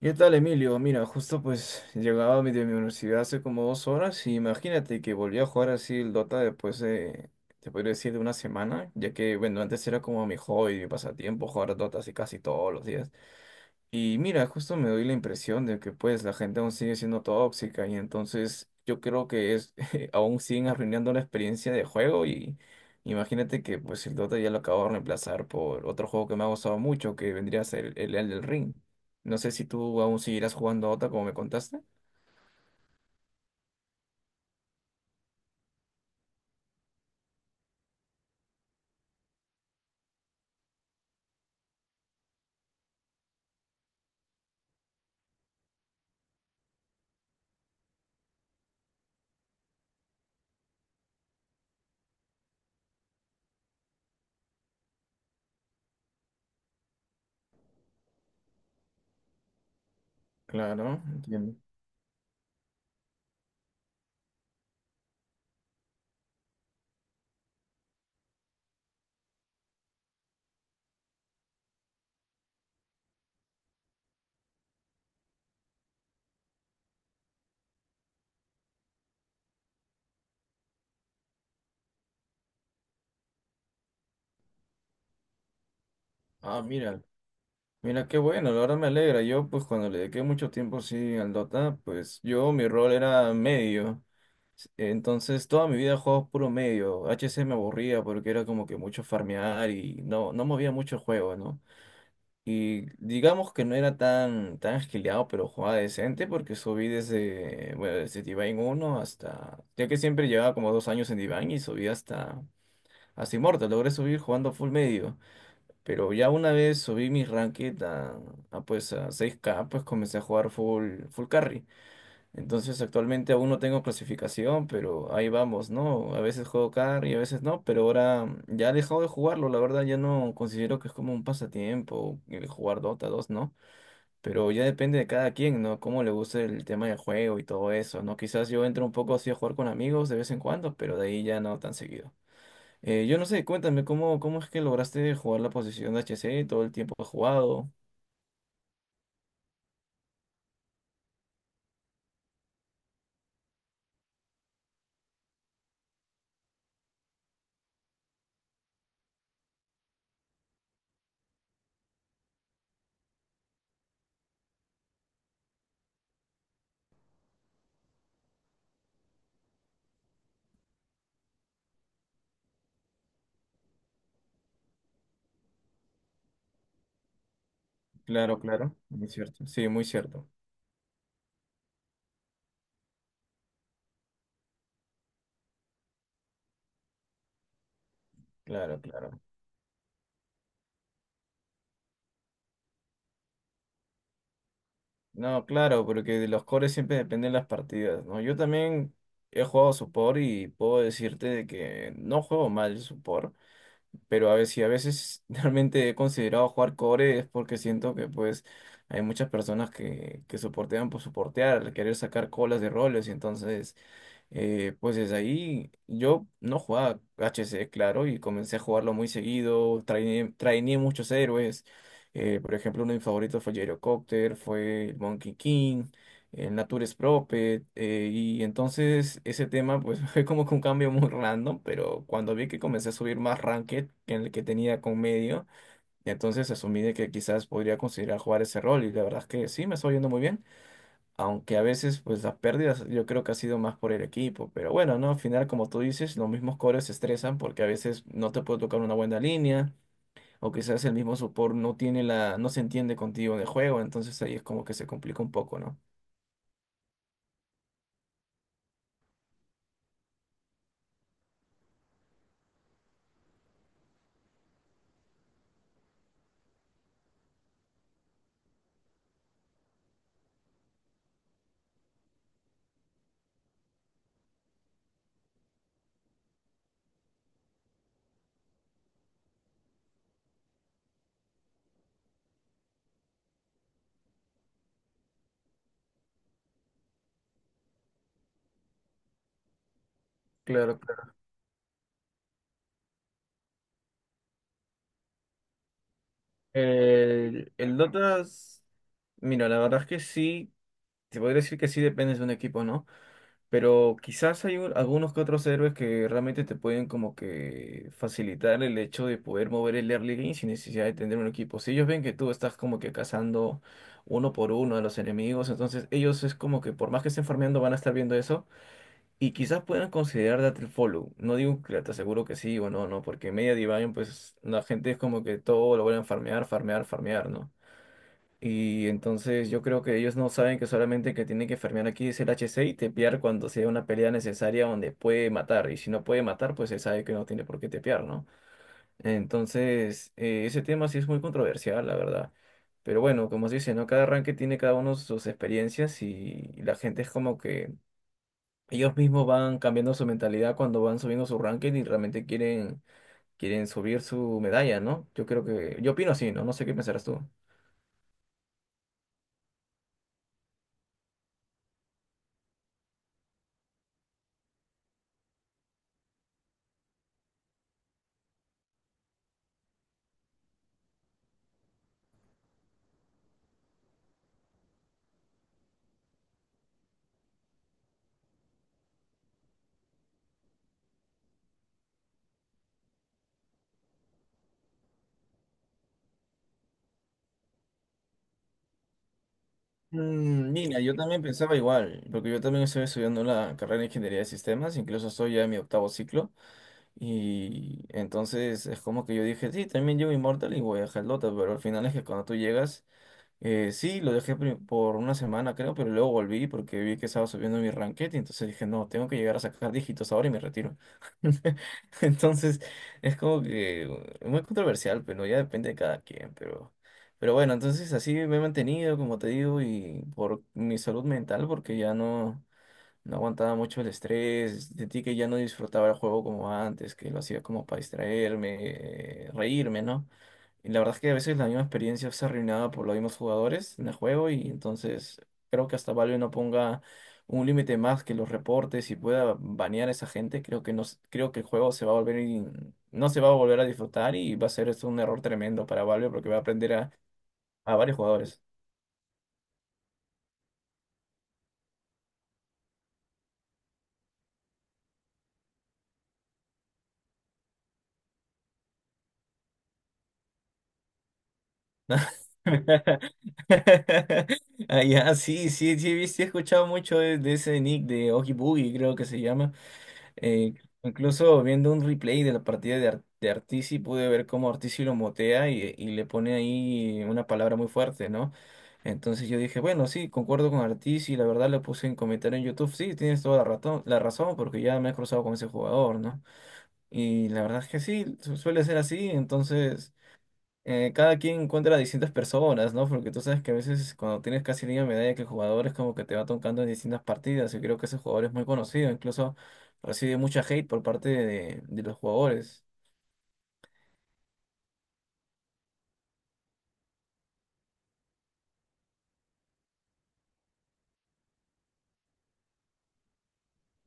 ¿Qué tal, Emilio? Mira, justo pues llegaba mi- de mi universidad hace como dos horas y imagínate que volví a jugar así el Dota después de, te podría decir, de una semana, ya que, bueno, antes era como mi hobby, mi pasatiempo, jugar Dota así casi todos los días. Y mira, justo me doy la impresión de que pues la gente aún sigue siendo tóxica y entonces yo creo que es, aún siguen arruinando la experiencia de juego y imagínate que pues el Dota ya lo acabo de reemplazar por otro juego que me ha gustado mucho, que vendría a ser el Elden Ring. No sé si tú aún seguirás jugando a Dota como me contaste. Claro, entiendo. Ah, mira, mira qué bueno, la verdad me alegra. Yo, pues cuando le dediqué mucho tiempo sí al Dota, pues yo mi rol era medio. Entonces toda mi vida he jugado puro medio. H C me aburría porque era como que mucho farmear y no movía mucho el juego, ¿no? Y digamos que no era tan esquileado, pero jugaba decente porque subí desde, bueno, desde Divine uno hasta, ya que siempre llevaba como dos años en Divine y subí hasta hasta Immortal logré subir jugando full medio. Pero ya una vez subí mi ranked a, pues a seis k pues comencé a jugar full, full carry. Entonces actualmente aún no tengo clasificación, pero ahí vamos, ¿no? A veces juego carry, a veces no, pero ahora ya he dejado de jugarlo, la verdad ya no considero que es como un pasatiempo el jugar Dota 2, ¿no? Pero ya depende de cada quien, ¿no? Cómo le guste el tema del juego y todo eso, ¿no? Quizás yo entro un poco así a jugar con amigos de vez en cuando, pero de ahí ya no tan seguido. Yo no sé, cuéntame, ¿cómo, cómo es que lograste jugar la posición de HC todo el tiempo que has jugado? Claro, claro, muy cierto. Sí, muy cierto. Claro, claro. No, claro, porque de los cores siempre dependen las partidas, ¿no? Yo también he jugado support y puedo decirte de que no juego mal support, pero a veces, si a veces realmente he considerado jugar core es porque siento que pues hay muchas personas que soportean por soportear, al querer sacar colas de roles y entonces... pues desde ahí yo no jugaba HC, claro, y comencé a jugarlo muy seguido, trainé muchos héroes. Por ejemplo, uno de mis favoritos fue Gyrocopter, fue el Monkey King, el Natures Prophet, y entonces ese tema pues fue como que un cambio muy random, pero cuando vi que comencé a subir más ranked que en el que tenía con medio, entonces asumí de que quizás podría considerar jugar ese rol, y la verdad es que sí, me estoy yendo muy bien. Aunque a veces, pues las pérdidas yo creo que ha sido más por el equipo. Pero bueno, ¿no? Al final, como tú dices, los mismos cores se estresan porque a veces no te puede tocar una buena línea. O quizás el mismo support no tiene la, no se entiende contigo en el juego. Entonces ahí es como que se complica un poco, ¿no? Claro, claro. El Dota, s- mira, la verdad es que sí, te podría decir que sí dependes de un equipo, ¿no? Pero quizás hay un- algunos que otros héroes que realmente te pueden como que facilitar el hecho de poder mover el early game sin necesidad de tener un equipo. Si ellos ven que tú estás como que cazando uno por uno a los enemigos, entonces ellos es como que por más que estén farmeando van a estar viendo eso y quizás puedan considerar darte el follow. No digo que te aseguro que sí o no, no, porque en media Divine pues la gente es como que todo lo vuelven a farmear, ¿no? Y entonces yo creo que ellos no saben que solamente que tienen que farmear aquí es el HC y tepear cuando sea una pelea necesaria donde puede matar. Y si no puede matar, pues se sabe que no tiene por qué tepear, ¿no? Entonces, ese tema sí es muy controversial, la verdad. Pero bueno, como se dice, ¿no? Cada ranking tiene cada uno sus experiencias y la gente es como que ellos mismos van cambiando su mentalidad cuando van subiendo su ranking y realmente quieren subir su medalla, ¿no? Yo creo que, yo opino así, ¿no? No sé qué pensarás tú. Mira, yo también pensaba igual, porque yo también estoy estudiando la carrera de Ingeniería de Sistemas, incluso estoy ya en mi octavo ciclo, y entonces es como que yo dije, sí, también llevo Immortal y voy a Helldota, pero al final es que cuando tú llegas sí, lo dejé pri- por una semana creo, pero luego volví porque vi que estaba subiendo mi ranked y entonces dije, no, tengo que llegar a sacar dígitos ahora y me retiro. Entonces es como que muy controversial, pero ya depende de cada quien, pero bueno, entonces así me he mantenido, como te digo, y por mi salud mental, porque ya no aguantaba mucho el estrés, sentí que ya no disfrutaba el juego como antes, que lo hacía como para distraerme, reírme, ¿no? Y la verdad es que a veces la misma experiencia es arruinada por los mismos jugadores en el juego y entonces creo que hasta Valve no ponga un límite más que los reportes y pueda banear a esa gente, creo que no, s- creo que el juego se va a volver in- no se va a volver a disfrutar y va a ser esto un error tremendo para Valve porque va a aprender a varios jugadores. Ah, ya, sí, sí, sí, he visto- he escuchado mucho de ese nick de Oogie Boogie, creo que se llama. Eh, incluso viendo un replay de la partida de, Ar- de Artici, pude ver cómo Artici lo motea y le pone ahí una palabra muy fuerte, ¿no? Entonces yo dije, bueno, sí, concuerdo con Artici, la verdad le puse en comentario en YouTube, sí, tienes toda la razón, porque ya me he cruzado con ese jugador, ¿no? Y la verdad es que sí, su- suele ser así, entonces cada quien encuentra a distintas personas, ¿no? Porque tú sabes que a veces cuando tienes casi línea de medalla que el jugador es como que te va tocando en distintas partidas. Yo creo que ese jugador es muy conocido, incluso recibe mucha hate por parte de los jugadores.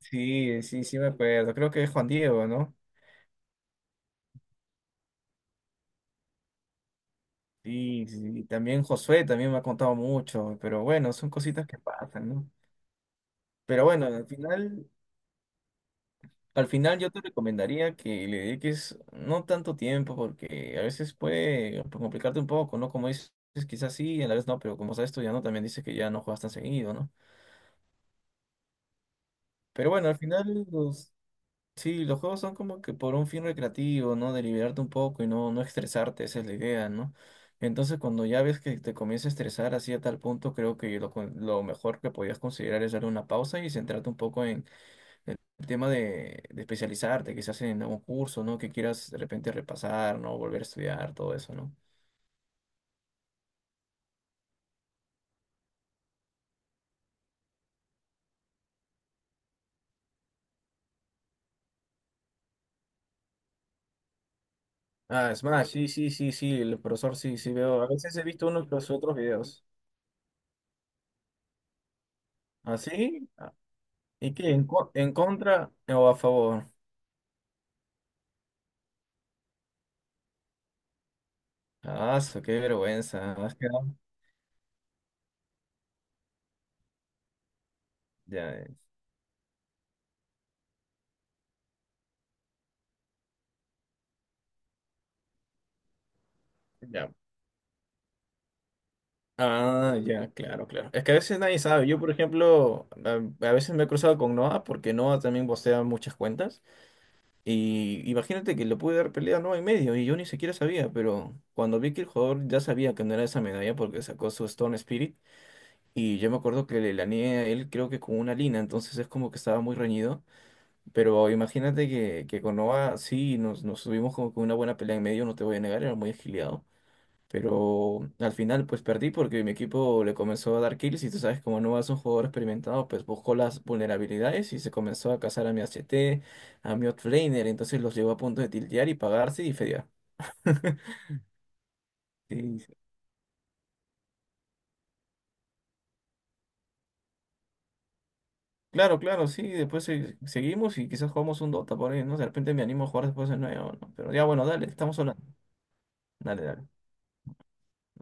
Sí, sí, sí me acuerdo. Creo que es Juan Diego, ¿no? Sí, sí, sí. También Josué también me ha contado mucho, pero bueno, son cositas que pasan, ¿no? Pero bueno, al final al final yo te recomendaría que le dediques no tanto tiempo porque a veces puede complicarte un poco, ¿no? Como dices, quizás sí, a la vez no, pero como estás estudiando también dices que ya no juegas tan seguido, ¿no? Pero bueno, al final sí, los juegos son como que por un fin recreativo, ¿no? De liberarte un poco y no estresarte, esa es la idea, ¿no? Entonces cuando ya ves que te comienza a estresar así a tal punto, creo que lo, con- lo mejor que podías considerar es dar una pausa y centrarte un poco en el tema de especializarte, quizás en algún curso, ¿no? Que quieras de repente repasar, ¿no? Volver a estudiar, todo eso, ¿no? Ah, es más, sí, sí, sí, sí, el profesor sí, sí veo. A veces he visto unos de los otros videos. ¿Así? ¿Y qué? ¿En, co- en contra o a favor? Ah, su- qué vergüenza. Has quedado- Ya, eh. Ya. Ah, ya, claro, claro. Es que a veces nadie sabe. Yo, por ejemplo, a veces me he cruzado con Noah porque Noah también postea muchas cuentas. Y imagínate que le pude dar pelea no y medio y yo ni siquiera sabía, pero cuando vi que el jugador ya sabía que no era esa medalla porque sacó su Stone Spirit y yo me acuerdo que le laneé a él creo que con una lina, entonces es como que estaba muy reñido, pero imagínate que con Nova sí nos tuvimos como que una buena pelea en medio, no te voy a negar, era muy agiliado. Pero al final pues perdí porque mi equipo le comenzó a dar kills y tú sabes como no es un jugador experimentado pues buscó las vulnerabilidades y se comenzó a cazar a mi H T a mi offlaner, entonces los llevó a punto de tiltear y pagarse y fedear. Sí, sí. Claro, claro, sí, después se- seguimos y quizás jugamos un Dota por ahí, ¿no? De repente me animo a jugar después de nuevo, ¿no? Pero ya bueno, dale, estamos hablando. Dale, dale.